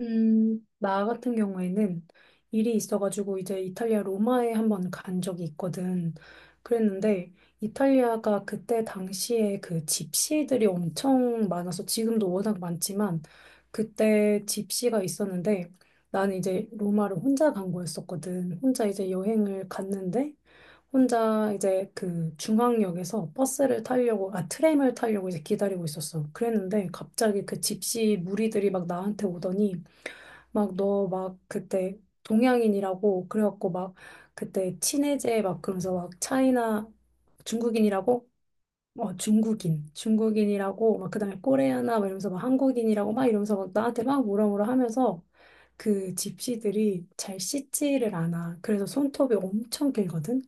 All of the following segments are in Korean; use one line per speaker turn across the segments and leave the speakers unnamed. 나 같은 경우에는 일이 있어가지고 이제 이탈리아 로마에 한번 간 적이 있거든. 그랬는데 이탈리아가 그때 당시에 그 집시들이 엄청 많아서 지금도 워낙 많지만 그때 집시가 있었는데 나는 이제 로마를 혼자 간 거였었거든. 혼자 이제 여행을 갔는데 혼자 이제 그 중앙역에서 버스를 타려고, 아, 트램을 타려고 이제 기다리고 있었어. 그랬는데 갑자기 그 집시 무리들이 막 나한테 오더니 막 너 막 그때 동양인이라고 그래갖고 막 그때 친해제 막 그러면서 막 차이나 중국인이라고 중국인이라고 막 그다음에 코레아나 막 이러면서 막 한국인이라고 막 이러면서 막 나한테 막 뭐라 뭐라 하면서 그 집시들이 잘 씻지를 않아. 그래서 손톱이 엄청 길거든.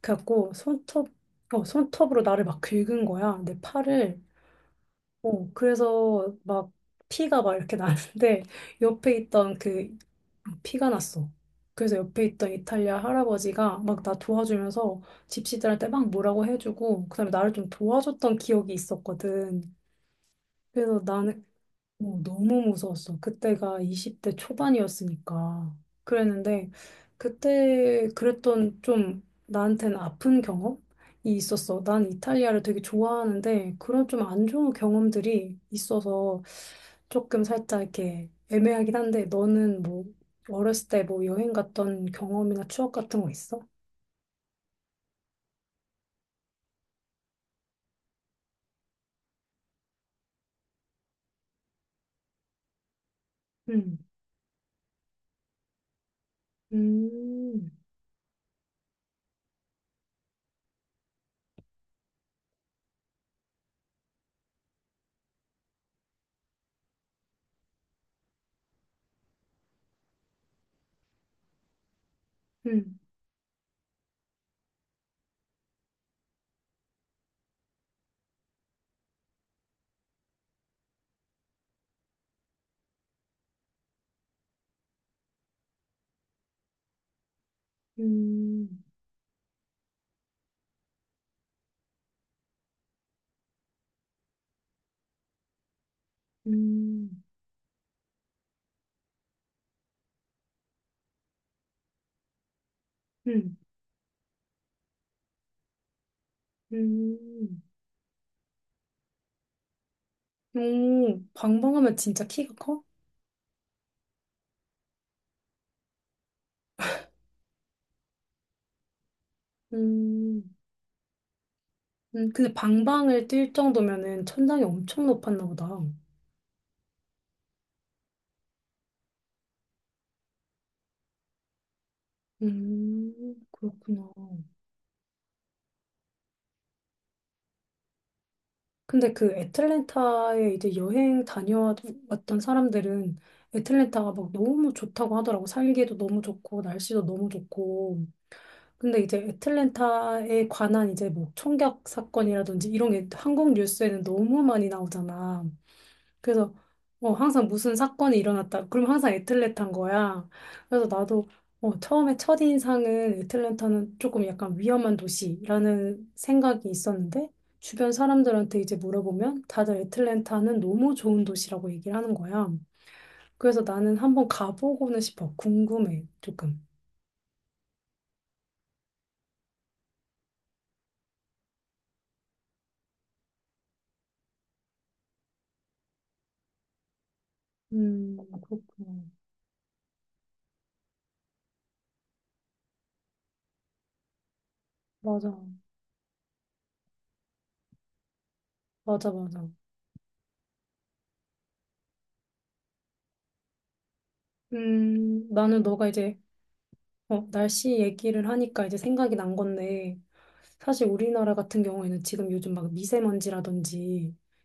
그래갖고 손톱으로 나를 막 긁은 거야. 내 팔을. 그래서 막 피가 막 이렇게 나는데 옆에 있던 피가 났어. 그래서 옆에 있던 이탈리아 할아버지가 막 나 도와주면서 집시들한테 막 뭐라고 해주고 그다음에 나를 좀 도와줬던 기억이 있었거든. 그래서 나는 너무 무서웠어. 그때가 20대 초반이었으니까. 그랬는데, 그때 그랬던 좀 나한테는 아픈 경험이 있었어. 난 이탈리아를 되게 좋아하는데, 그런 좀 안 좋은 경험들이 있어서 조금 살짝 이렇게 애매하긴 한데, 너는 뭐, 어렸을 때 뭐 여행 갔던 경험이나 추억 같은 거 있어? 응. 음. 음. 음. 음. 음. 음. 오, 방방하면 진짜 키가 커? 음. 음. 근데 방방을 뛸 정도면은 천장이 엄청 높았나 보다. 그렇구나. 근데 그 애틀랜타에 이제 여행 다녀왔던 사람들은 애틀랜타가 막 너무 좋다고 하더라고. 살기도 너무 좋고, 날씨도 너무 좋고. 근데 이제 애틀랜타에 관한 이제 뭐 총격 사건이라든지 이런 게 한국 뉴스에는 너무 많이 나오잖아. 그래서 항상 무슨 사건이 일어났다. 그럼 항상 애틀랜타인 거야. 그래서 나도 처음에 첫인상은 애틀랜타는 조금 약간 위험한 도시라는 생각이 있었는데 주변 사람들한테 이제 물어보면 다들 애틀랜타는 너무 좋은 도시라고 얘기를 하는 거야. 그래서 나는 한번 가보고는 싶어. 궁금해, 조금. 그렇구나. 맞아. 맞아, 맞아. 나는 너가 이제 날씨 얘기를 하니까 이제 생각이 난 건데 사실 우리나라 같은 경우에는 지금 요즘 막 미세먼지라든지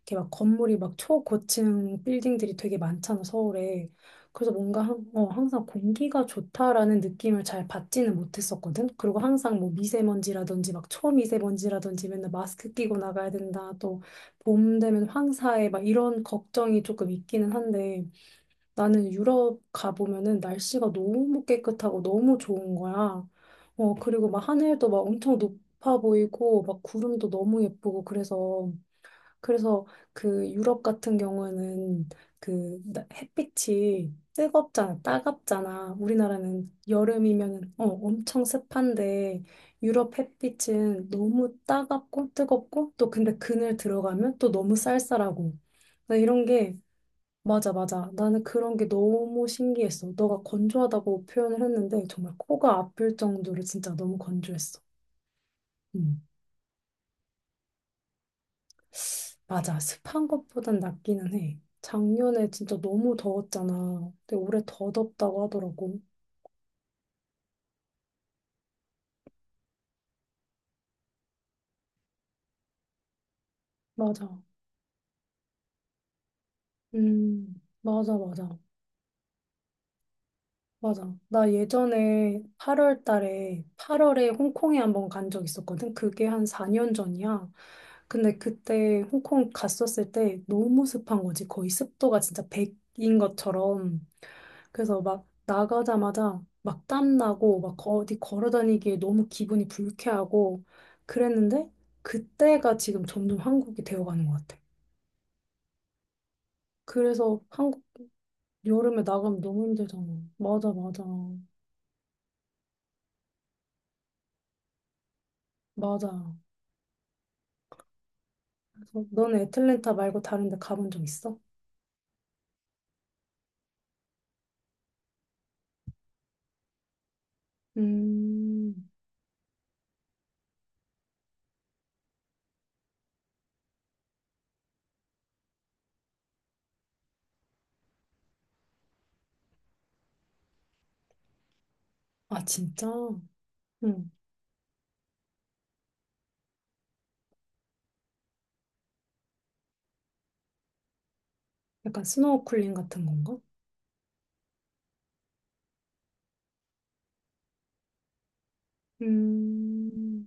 이렇게 막 건물이 막 초고층 빌딩들이 되게 많잖아, 서울에. 그래서 뭔가 항상 공기가 좋다라는 느낌을 잘 받지는 못했었거든. 그리고 항상 뭐 미세먼지라든지 막 초미세먼지라든지 맨날 마스크 끼고 나가야 된다. 또 봄 되면 황사에 막 이런 걱정이 조금 있기는 한데 나는 유럽 가보면은 날씨가 너무 깨끗하고 너무 좋은 거야. 그리고 막 하늘도 막 엄청 높아 보이고 막 구름도 너무 예쁘고 그래서 그래서 그 유럽 같은 경우에는 그 햇빛이 뜨겁잖아, 따갑잖아. 우리나라는 여름이면은 엄청 습한데 유럽 햇빛은 너무 따갑고 뜨겁고 또 근데 그늘 들어가면 또 너무 쌀쌀하고 나 이런 게 맞아, 맞아. 나는 그런 게 너무 신기했어. 너가 건조하다고 표현을 했는데 정말 코가 아플 정도로 진짜 너무 건조했어. 음, 맞아. 습한 것보단 낫기는 해. 작년에 진짜 너무 더웠잖아. 근데 올해 더 덥다고 하더라고. 맞아. 맞아, 맞아. 맞아. 나 예전에 8월 달에, 8월에 홍콩에 한번 간 적 있었거든. 그게 한 4년 전이야. 근데 그때 홍콩 갔었을 때 너무 습한 거지. 거의 습도가 진짜 100인 것처럼. 그래서 막 나가자마자 막 땀나고 막 어디 걸어 다니기에 너무 기분이 불쾌하고 그랬는데 그때가 지금 점점 한국이 되어가는 것 같아. 그래서 한국 여름에 나가면 너무 힘들잖아. 맞아, 맞아. 맞아. 그래서 너는 애틀랜타 말고 다른 데 가본 적 있어? 음. 아, 진짜? 응. 약간 스노우쿨링 같은 건가? 음,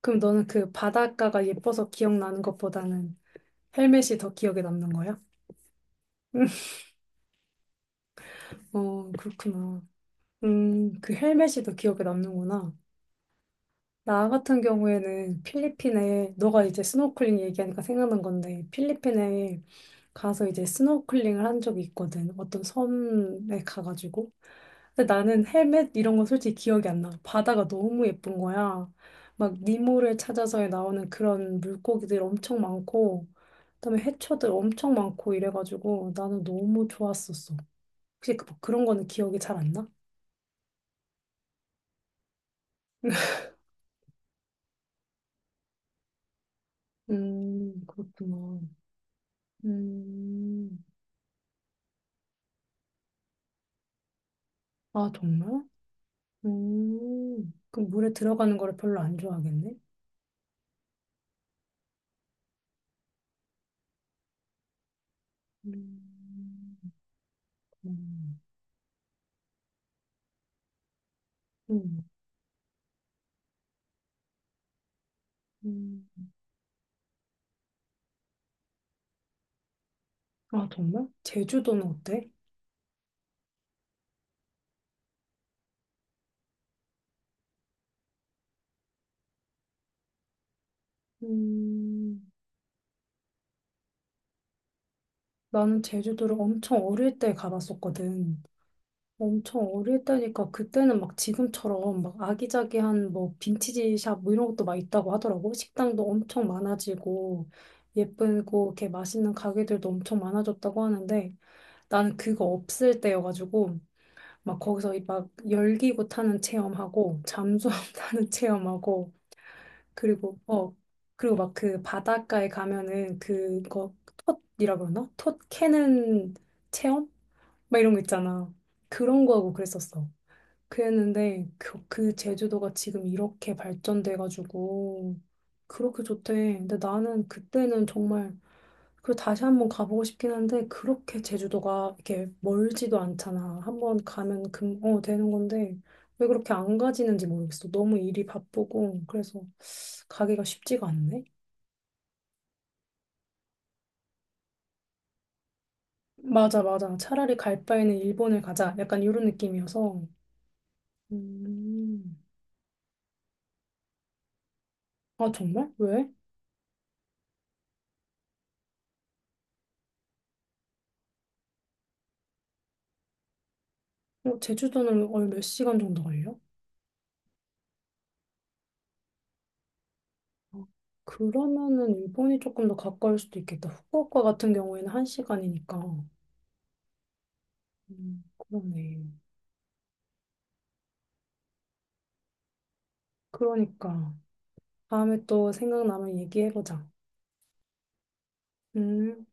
그럼 너는 그 바닷가가 예뻐서 기억나는 것보다는 헬멧이 더 기억에 남는 거야? 그렇구나. 그 헬멧이 더 기억에 남는구나. 나 같은 경우에는 필리핀에, 너가 이제 스노클링 얘기하니까 생각난 건데, 필리핀에 가서 이제 스노클링을 한 적이 있거든. 어떤 섬에 가가지고. 근데 나는 헬멧 이런 건 솔직히 기억이 안 나. 바다가 너무 예쁜 거야. 막 니모를 찾아서에 나오는 그런 물고기들 엄청 많고, 그다음에 해초들 엄청 많고 이래가지고 나는 너무 좋았었어. 혹시 그, 그런 거는 기억이 잘 안 나? 그렇구나. 음. 아, 정말? 그럼 물에 들어가는 거를 별로 안 좋아하겠네? 음. 음. 음. 음. 아, 정말? 제주도는 어때? 음, 나는 제주도를 엄청 어릴 때 가봤었거든. 엄청 어릴 때니까 그때는 막 지금처럼 막 아기자기한 뭐 빈티지 샵 뭐 이런 것도 막 있다고 하더라고. 식당도 엄청 많아지고 예쁘고 이렇게 맛있는 가게들도 엄청 많아졌다고 하는데 나는 그거 없을 때여가지고 막 거기서 막 열기구 타는 체험하고 잠수함 타는 체험하고 그리고 그리고 막 그 바닷가에 가면은 그거 톳이라 그러나? 톳 캐는 체험? 막 이런 거 있잖아. 그런 거 하고 그랬었어. 그랬는데 그, 그 제주도가 지금 이렇게 발전돼가지고 그렇게 좋대. 근데 나는 그때는 정말 그리고 다시 한번 가보고 싶긴 한데 그렇게 제주도가 이렇게 멀지도 않잖아. 한번 가면 되는 건데 왜 그렇게 안 가지는지 모르겠어. 너무 일이 바쁘고 그래서 가기가 쉽지가 않네. 맞아, 맞아. 차라리 갈 바에는 일본을 가자. 약간 이런 느낌이어서. 음. 아, 정말? 왜? 제주도는 얼 몇 시간 정도 걸려? 어, 그러면은 일본이 조금 더 가까울 수도 있겠다. 후쿠오카 같은 경우에는 한 시간이니까. 그러네. 그러니까. 다음에 또 생각나면 얘기해보자. 음.